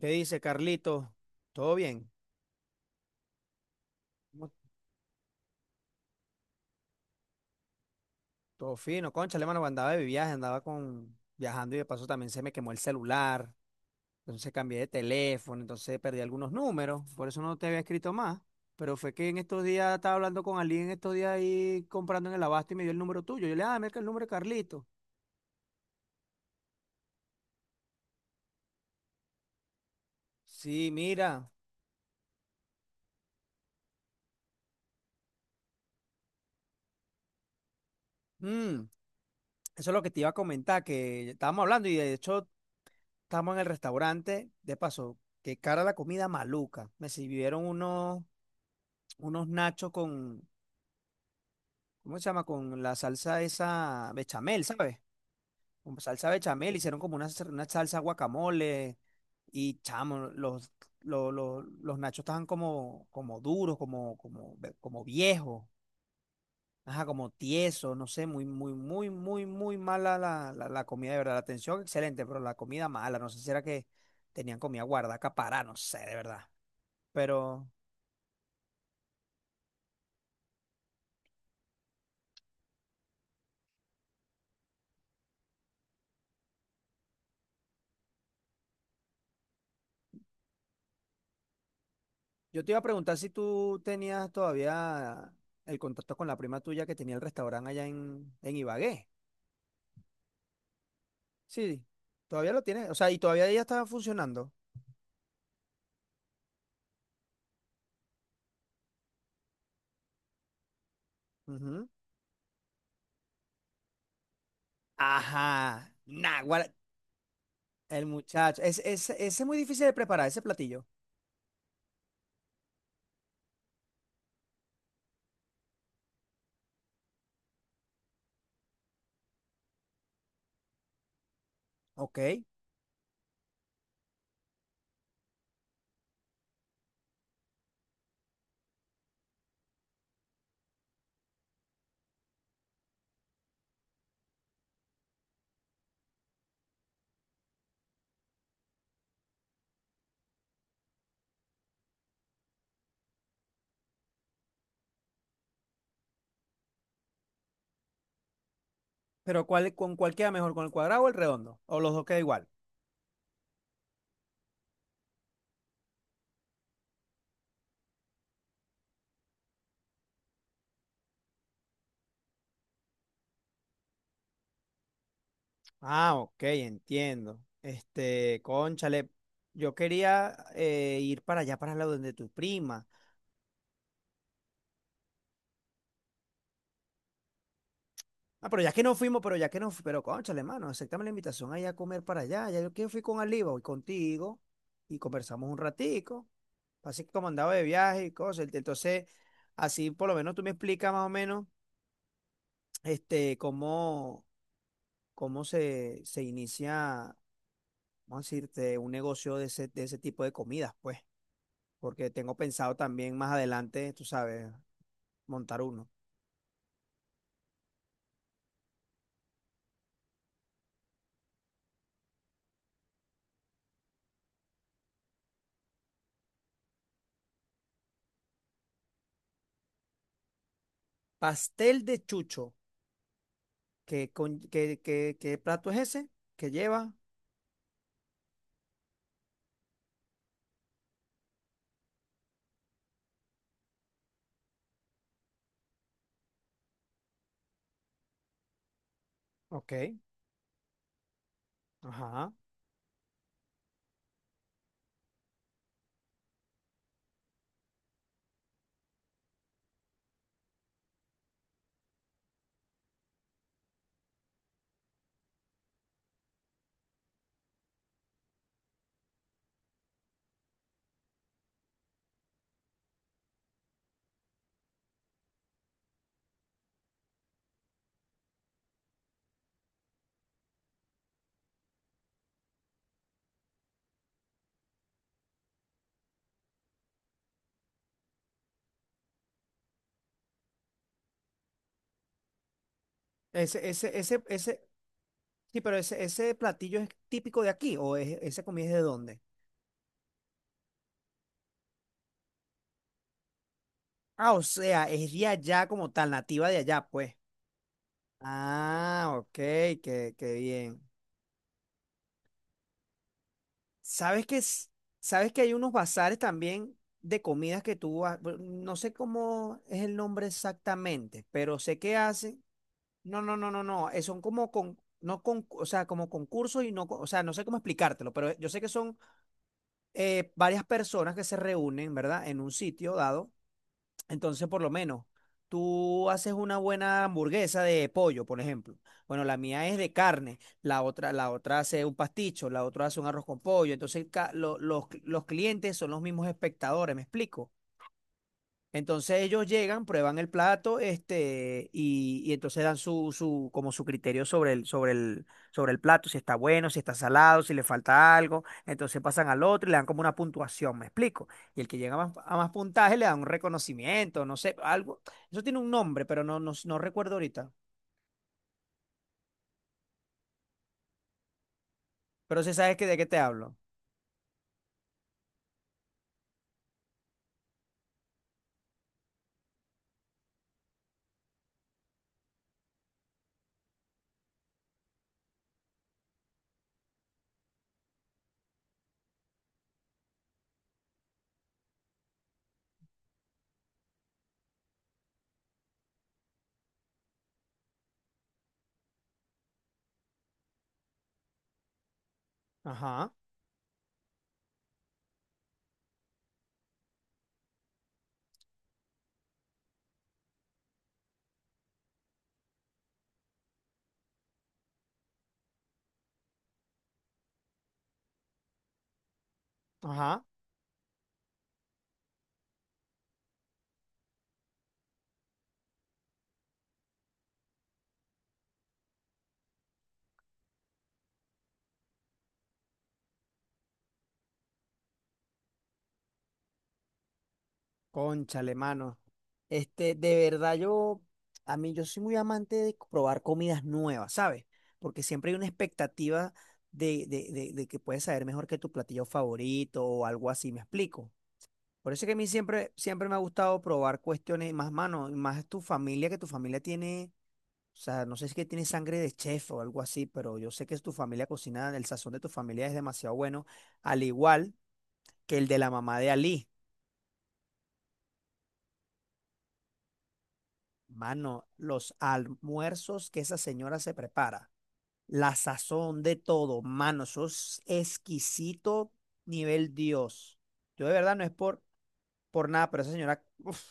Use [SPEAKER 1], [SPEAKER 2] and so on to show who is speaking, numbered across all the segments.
[SPEAKER 1] ¿Qué dice Carlito? ¿Todo bien? ¿Cómo- Todo fino. Concha, hermano, andaba de viaje, andaba con viajando y de paso también se me quemó el celular. Entonces cambié de teléfono, entonces perdí algunos números. Por eso no te había escrito más. Pero fue que en estos días estaba hablando con alguien en estos días ahí comprando en el abasto y me dio el número tuyo. Yo le dije, ah, mira que el número de Carlito. Sí, mira. Mm, eso es lo que te iba a comentar, que estábamos hablando y de hecho estábamos en el restaurante. De paso, qué cara la comida maluca. Me sirvieron unos nachos con, ¿cómo se llama? Con la salsa esa bechamel, ¿sabes? Con salsa bechamel, hicieron como una salsa guacamole. Y chamo, los nachos estaban como duros, como viejos, ajá, como tiesos, no sé, muy, muy, muy, muy, muy mala la comida, de verdad. La atención excelente, pero la comida mala, no sé si era que tenían comida guardada, acaparada, no sé, de verdad. Pero... Yo te iba a preguntar si tú tenías todavía el contacto con la prima tuya que tenía el restaurante allá en Ibagué. Sí, todavía lo tienes. O sea, y todavía ella estaba funcionando. Ujú. Ajá. Naguará, el muchacho. Ese es muy difícil de preparar, ese platillo. Ok. Pero ¿ con cuál queda mejor? ¿Con el cuadrado o el redondo? ¿O los dos queda igual? Ah, ok, entiendo. Este, cónchale, yo quería ir para allá, para el lado de tu prima. Ah, pero ya que no fuimos, pero ya que no, pero cónchale, mano, aceptame la invitación ahí a comer para allá. Ya yo que fui con Aliva y contigo y conversamos un ratico. Así que como andaba de viaje y cosas. Entonces, así por lo menos tú me explicas más o menos este, cómo se inicia, vamos a decirte, un negocio de ese tipo de comidas, pues. Porque tengo pensado también más adelante, tú sabes, montar uno. Pastel de chucho. ¿Qué plato es ese? ¿Qué lleva? Ok. Ajá. Ese, sí, pero ese platillo es típico de aquí, o ¿esa comida es de dónde? Ah, o sea, es de allá como tal, nativa de allá, pues. Ah, ok, qué bien. ¿Sabes que, es- sabes que hay unos bazares también de comidas que tú, no sé cómo es el nombre exactamente, pero sé que hacen, no, no, no, no, no, son como con, no con, o sea, como concursos y no, o sea, no sé cómo explicártelo, pero yo sé que son varias personas que se reúnen, ¿verdad? En un sitio dado. Entonces, por lo menos, tú haces una buena hamburguesa de pollo, por ejemplo. Bueno, la mía es de carne, la otra hace un pasticho, la otra hace un arroz con pollo. Entonces, los clientes son los mismos espectadores, ¿me explico? Entonces ellos llegan, prueban el plato, este, y entonces dan su criterio sobre el plato, si está bueno, si está salado, si le falta algo. Entonces pasan al otro y le dan como una puntuación, ¿me explico? Y el que llega a más puntaje le dan un reconocimiento, no sé, algo. Eso tiene un nombre, pero no recuerdo ahorita. Pero sí sabes que de qué te hablo. Ajá, ajá. Cónchale, mano. Este, de verdad, yo, a mí, yo soy muy amante de probar comidas nuevas, ¿sabes? Porque siempre hay una expectativa de que puedes saber mejor que tu platillo favorito o algo así, ¿me explico? Por eso es que a mí siempre, siempre me ha gustado probar cuestiones más, mano, y más tu familia, que tu familia tiene, o sea, no sé si es que tiene sangre de chef o algo así, pero yo sé que tu familia cocina, el sazón de tu familia es demasiado bueno, al igual que el de la mamá de Ali. Mano, los almuerzos que esa señora se prepara, la sazón de todo, mano, eso es exquisito nivel Dios. Yo de verdad no es por nada, pero esa señora, uf,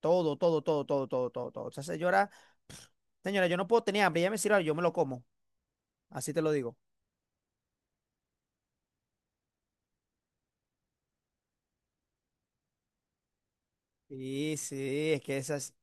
[SPEAKER 1] todo, todo, todo, todo, todo, todo, todo. Esa señora, pf, señora, yo no puedo tener hambre, ella me sirve, algo, yo me lo como, así te lo digo. Sí, sí, es que esas,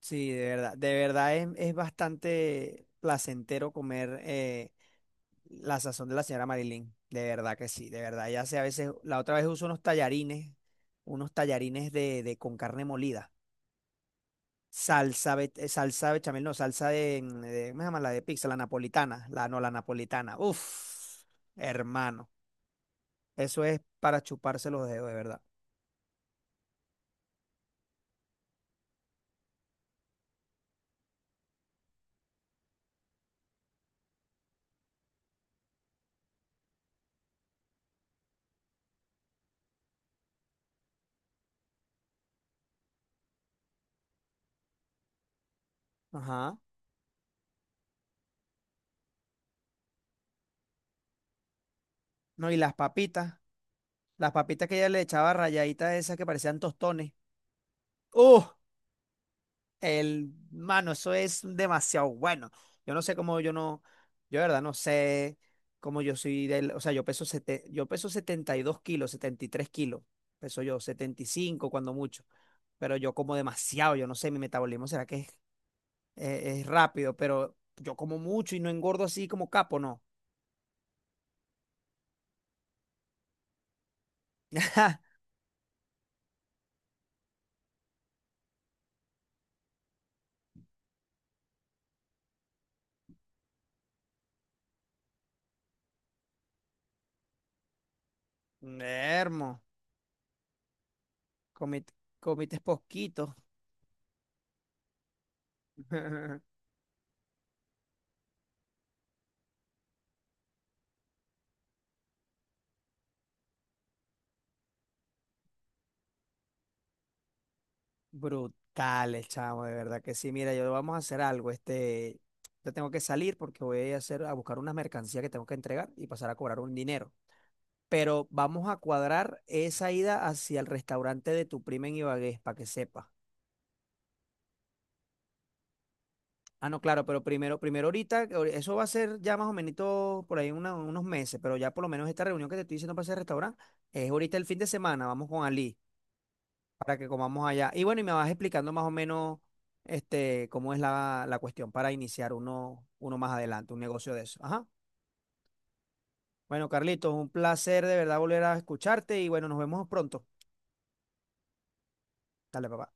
[SPEAKER 1] sí, de verdad es bastante placentero comer. La sazón de la señora Marilyn, de verdad que sí, de verdad. Ella hace a veces, la otra vez uso unos tallarines con carne molida. Salsa bechamel, no, salsa de, ¿cómo se llama? La de pizza, la napolitana, la no, la napolitana. Uf, hermano, eso es para chuparse los dedos, de verdad. Ajá. No, y las papitas que ella le echaba rayaditas esas que parecían tostones. ¡Uh! Mano, eso es demasiado bueno. Yo no sé cómo yo no, yo de verdad no sé cómo yo soy del, o sea, yo peso, yo peso 72 kilos, 73 kilos, peso yo 75 cuando mucho, pero yo como demasiado, yo no sé, mi metabolismo será que es rápido, pero yo como mucho y no engordo así como capo, no. Hermo, comite, comites poquitos. Brutales, chamo, de verdad que sí. Mira, yo vamos a hacer algo. Este, yo tengo que salir porque voy a hacer, a buscar unas mercancías que tengo que entregar y pasar a cobrar un dinero. Pero vamos a cuadrar esa ida hacia el restaurante de tu prima en Ibagué, para que sepa. Ah, no, claro, pero primero ahorita, eso va a ser ya más o menos por ahí unos meses, pero ya por lo menos esta reunión que te estoy diciendo para ese restaurante es ahorita el fin de semana. Vamos con Ali para que comamos allá. Y bueno, y me vas explicando más o menos este, cómo es la cuestión para iniciar uno, más adelante, un negocio de eso. Ajá. Bueno, Carlitos, un placer de verdad volver a escucharte y bueno, nos vemos pronto. Dale, papá.